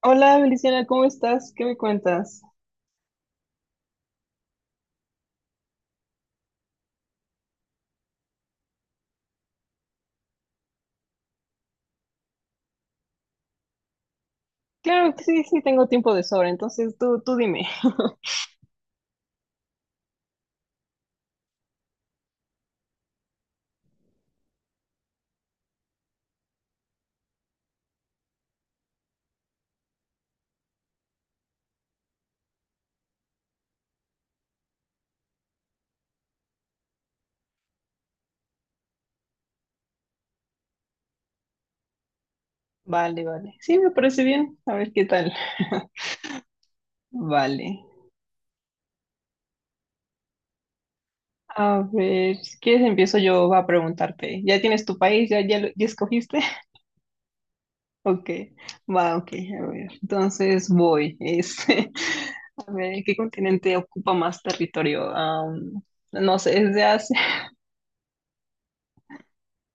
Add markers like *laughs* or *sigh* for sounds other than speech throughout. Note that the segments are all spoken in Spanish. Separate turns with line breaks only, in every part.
Hola, Feliciana, ¿cómo estás? ¿Qué me cuentas? Claro que sí, sí, tengo tiempo de sobra, entonces tú dime. Vale, vale. Sí, me parece bien. A ver qué tal. *laughs* Vale. A ver, si quieres empiezo yo a preguntarte. ¿Ya tienes tu país? ¿Ya, ya, ya escogiste? *laughs* Ok, va, ok, a ver. Entonces voy. Es, *laughs* a ver, ¿qué continente ocupa más territorio? No sé, ¿es de Asia? *laughs*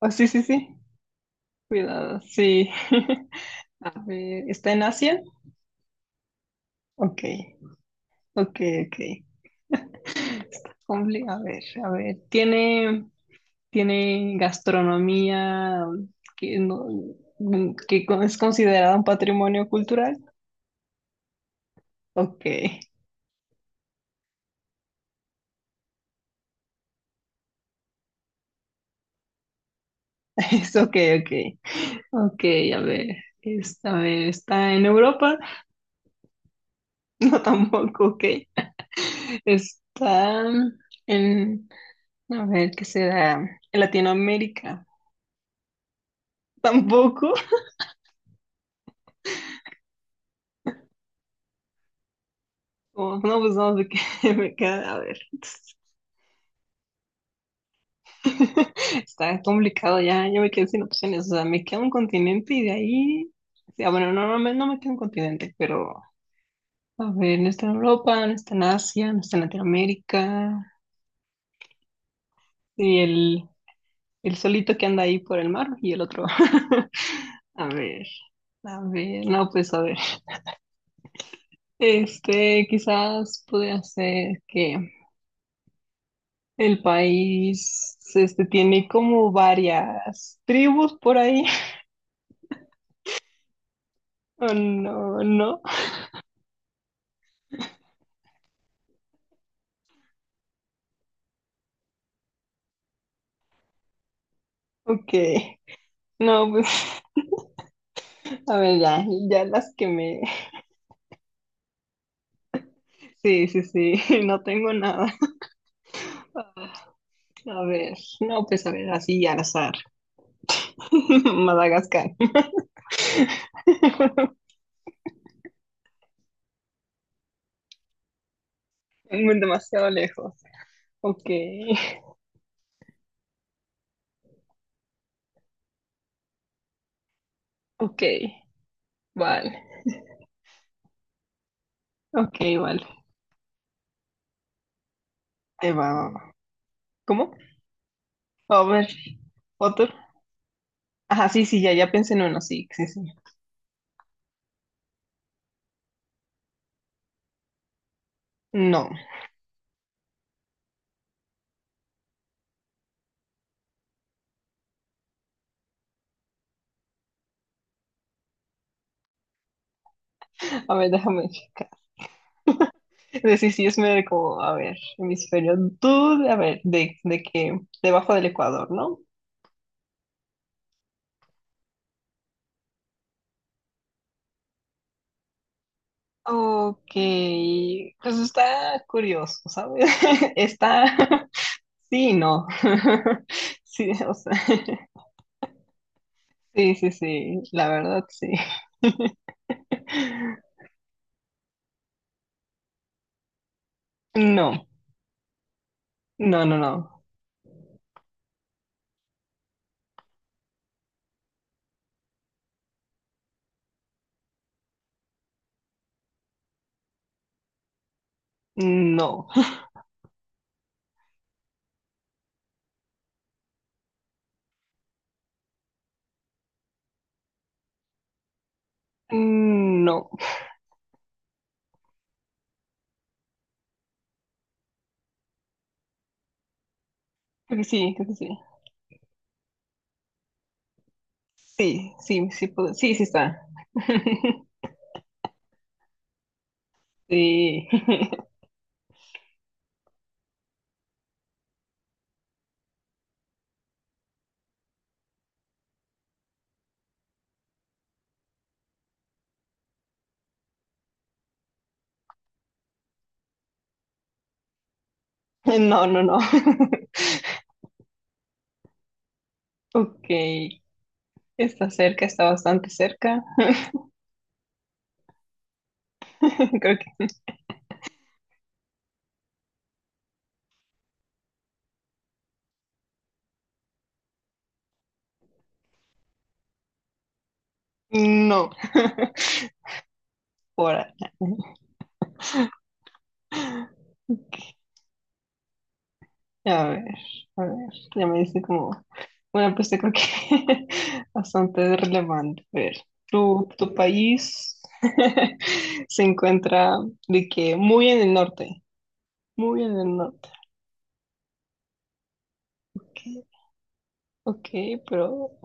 Oh, sí, sí, sí. Cuidado, sí. *laughs* A ver, ¿está en Asia? Ok. Ok, ok. A ver, a ver. Tiene, tiene gastronomía que, no, es considerada un patrimonio cultural. Ok, *laughs* es ok, ok. Ok, a ver. A ver, ¿está en Europa? *laughs* No, tampoco, ok. Está en, a ver, ¿qué será? En Latinoamérica. Tampoco. *laughs* Oh, no, pues no, me queda, *laughs* a ver. *laughs* Está complicado ya, yo me quedé sin opciones, o sea, me queda un continente y de ahí, o bueno, no, no me queda un continente, pero a ver, no está en Europa, no está en Asia, no está en Latinoamérica, y el solito que anda ahí por el mar y el otro. *laughs* A ver, a ver, no, pues a ver, este, quizás podría ser que el país, este, tiene como varias tribus por ahí, *laughs* o no, no, ok. No, pues a ver, ya, ya las que me... *laughs* Sí, sí, sí, *laughs* no tengo nada. *laughs* A ver, no, pues a ver, así al azar. *laughs* Madagascar. *laughs* Muy demasiado lejos. Ok, ok, vale. Ok, vale. Te va. ¿Cómo? A ver, otro. Ajá, sí, sí, ya, ya pensé en uno, sí, sí, sí. No, a ver, déjame checar. Sí, sí, sí, es medio como, a ver, hemisferio, tú, a ver, de que debajo del Ecuador, ¿no? Ok, pues está curioso, ¿sabes? *laughs* Está, *laughs* sí, no. *laughs* Sí, o sea, *laughs* sí, sí, sí, la verdad, sí. *laughs* No, no, no, no, no, *laughs* no. Creo que sí, creo que sí. Sí, sí, sí, sí, sí está. *laughs* Sí, *laughs* no, no, no. *laughs* Ok, está cerca, está bastante cerca. *laughs* Creo que sí. No. *laughs* Por ahí. A ver, a ver, ya me dice como, bueno, pues creo que *laughs* bastante relevante. A ver, tu país *laughs* se encuentra de que muy en el norte, muy en el norte. Ok, ok, pero,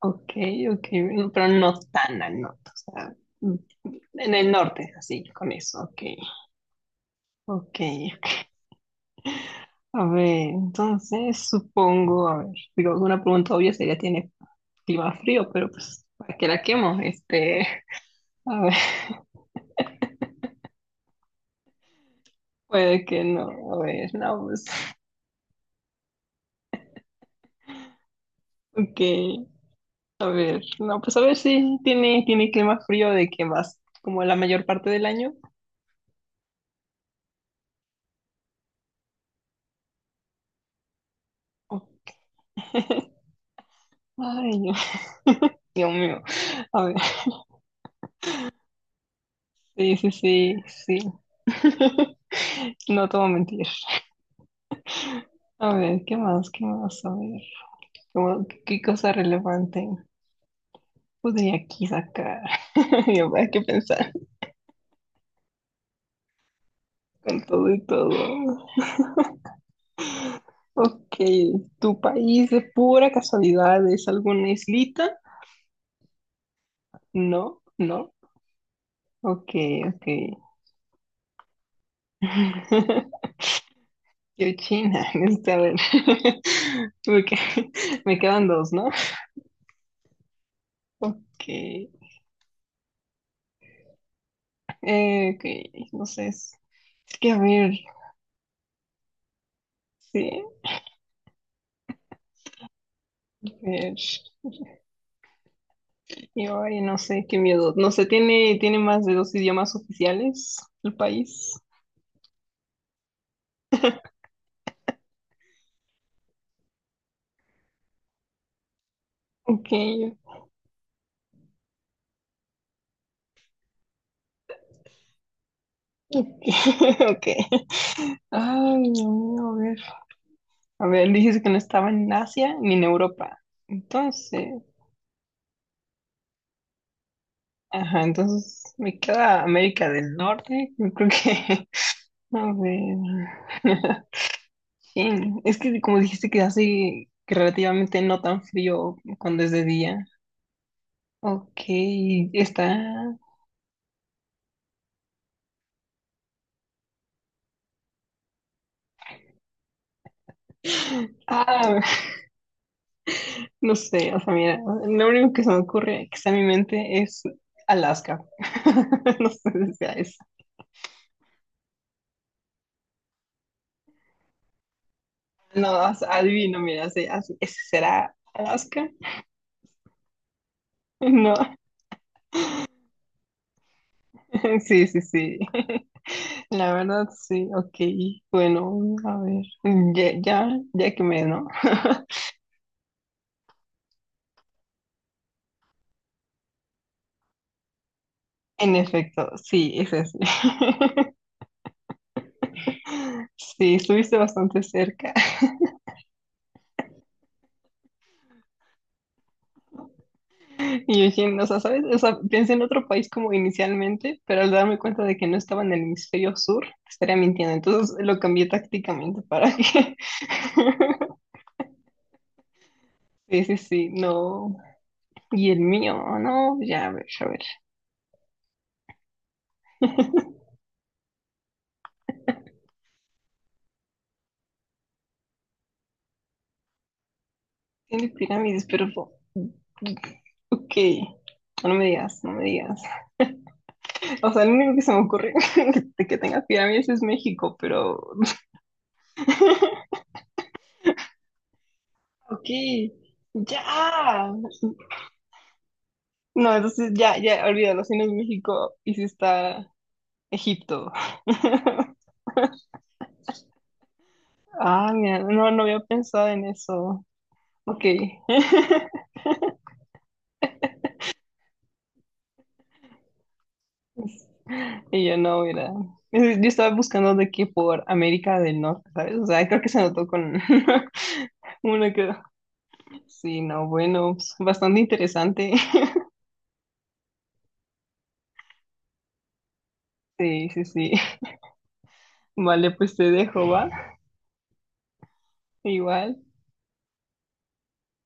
ok, ok, bueno, pero no tan al norte, o sea, en el norte, así, con eso, ok, ok. Ok. A ver, entonces supongo, a ver, digo, una pregunta obvia sería, ¿tiene clima frío, pero pues, ¿para qué la quemo? Este, a ver, *laughs* puede que no, a ver, no, pues, ok, a ver, no, pues a ver si tiene, tiene clima frío de que más, como la mayor parte del año. Ok. *laughs* Ay, no, Dios mío, a ver, sí, sí, sí, sí. *laughs* No te voy a mentir. A ver, ¿qué más? ¿Qué más? A ver, ¿qué, qué cosa relevante podría aquí sacar? *laughs* Yo, ¿para qué pensar con todo y todo? Ok, ¿tu país de pura casualidad es alguna islita? No, no. Ok, ok. *laughs* Yo China, *laughs* este, a ver. *laughs* Ok, *laughs* me quedan dos, ¿no? Ok, ok, no sé. Es que a ver, sí, a ver. Yo ay, no sé, qué miedo. No sé, ¿tiene, tiene más de dos idiomas oficiales el país? Ok, ok, *laughs* ok. Ay, Dios mío, a ver. A ver, dices que no estaba en Asia ni en Europa. Entonces, ajá, entonces me queda América del Norte. Yo creo que, *laughs* a ver. *laughs* Sí, es que como dijiste que hace que relativamente no tan frío cuando es de día. Ok, está. *gasps* Ah, *laughs* no sé, o sea, mira, lo único que se me ocurre que está en mi mente es Alaska. *laughs* No sé si sea eso. No, o sea, adivino, mira, sí, ese será Alaska. No, *laughs* sí, sí, sí. *laughs* La verdad, sí, ok. Bueno, a ver. Ya, ya, ya que me, ¿no? *laughs* En efecto, sí, es así. *laughs* Sí, estuviste bastante cerca. *laughs* Y yo dije, no, o sea, ¿sabes? O sea, pensé en otro país como inicialmente, pero al darme cuenta de que no estaba en el hemisferio sur, estaría mintiendo. Entonces lo cambié tácticamente para que... *laughs* Sí, sí, sí, no. Y el mío, no, ya, a ver, a ver. Tiene pirámides, pero... ok, no me digas, no me digas. O sea, lo único que se me ocurre *laughs* de que tenga pirámides es México, pero... *laughs* Ok, ya. No, entonces ya, ya, olvídalo, si no es México y si está Egipto. *laughs* Ah, mira, no, no había pensado en eso. Ok. *laughs* Y yo no, mira. Yo estaba buscando de que por América del Norte, ¿sabes? O sea, creo que se notó con *laughs* uno que sí, no, bueno, pues, bastante interesante. *laughs* Sí, sí, sí. Vale, pues te dejo, ¿va? Igual.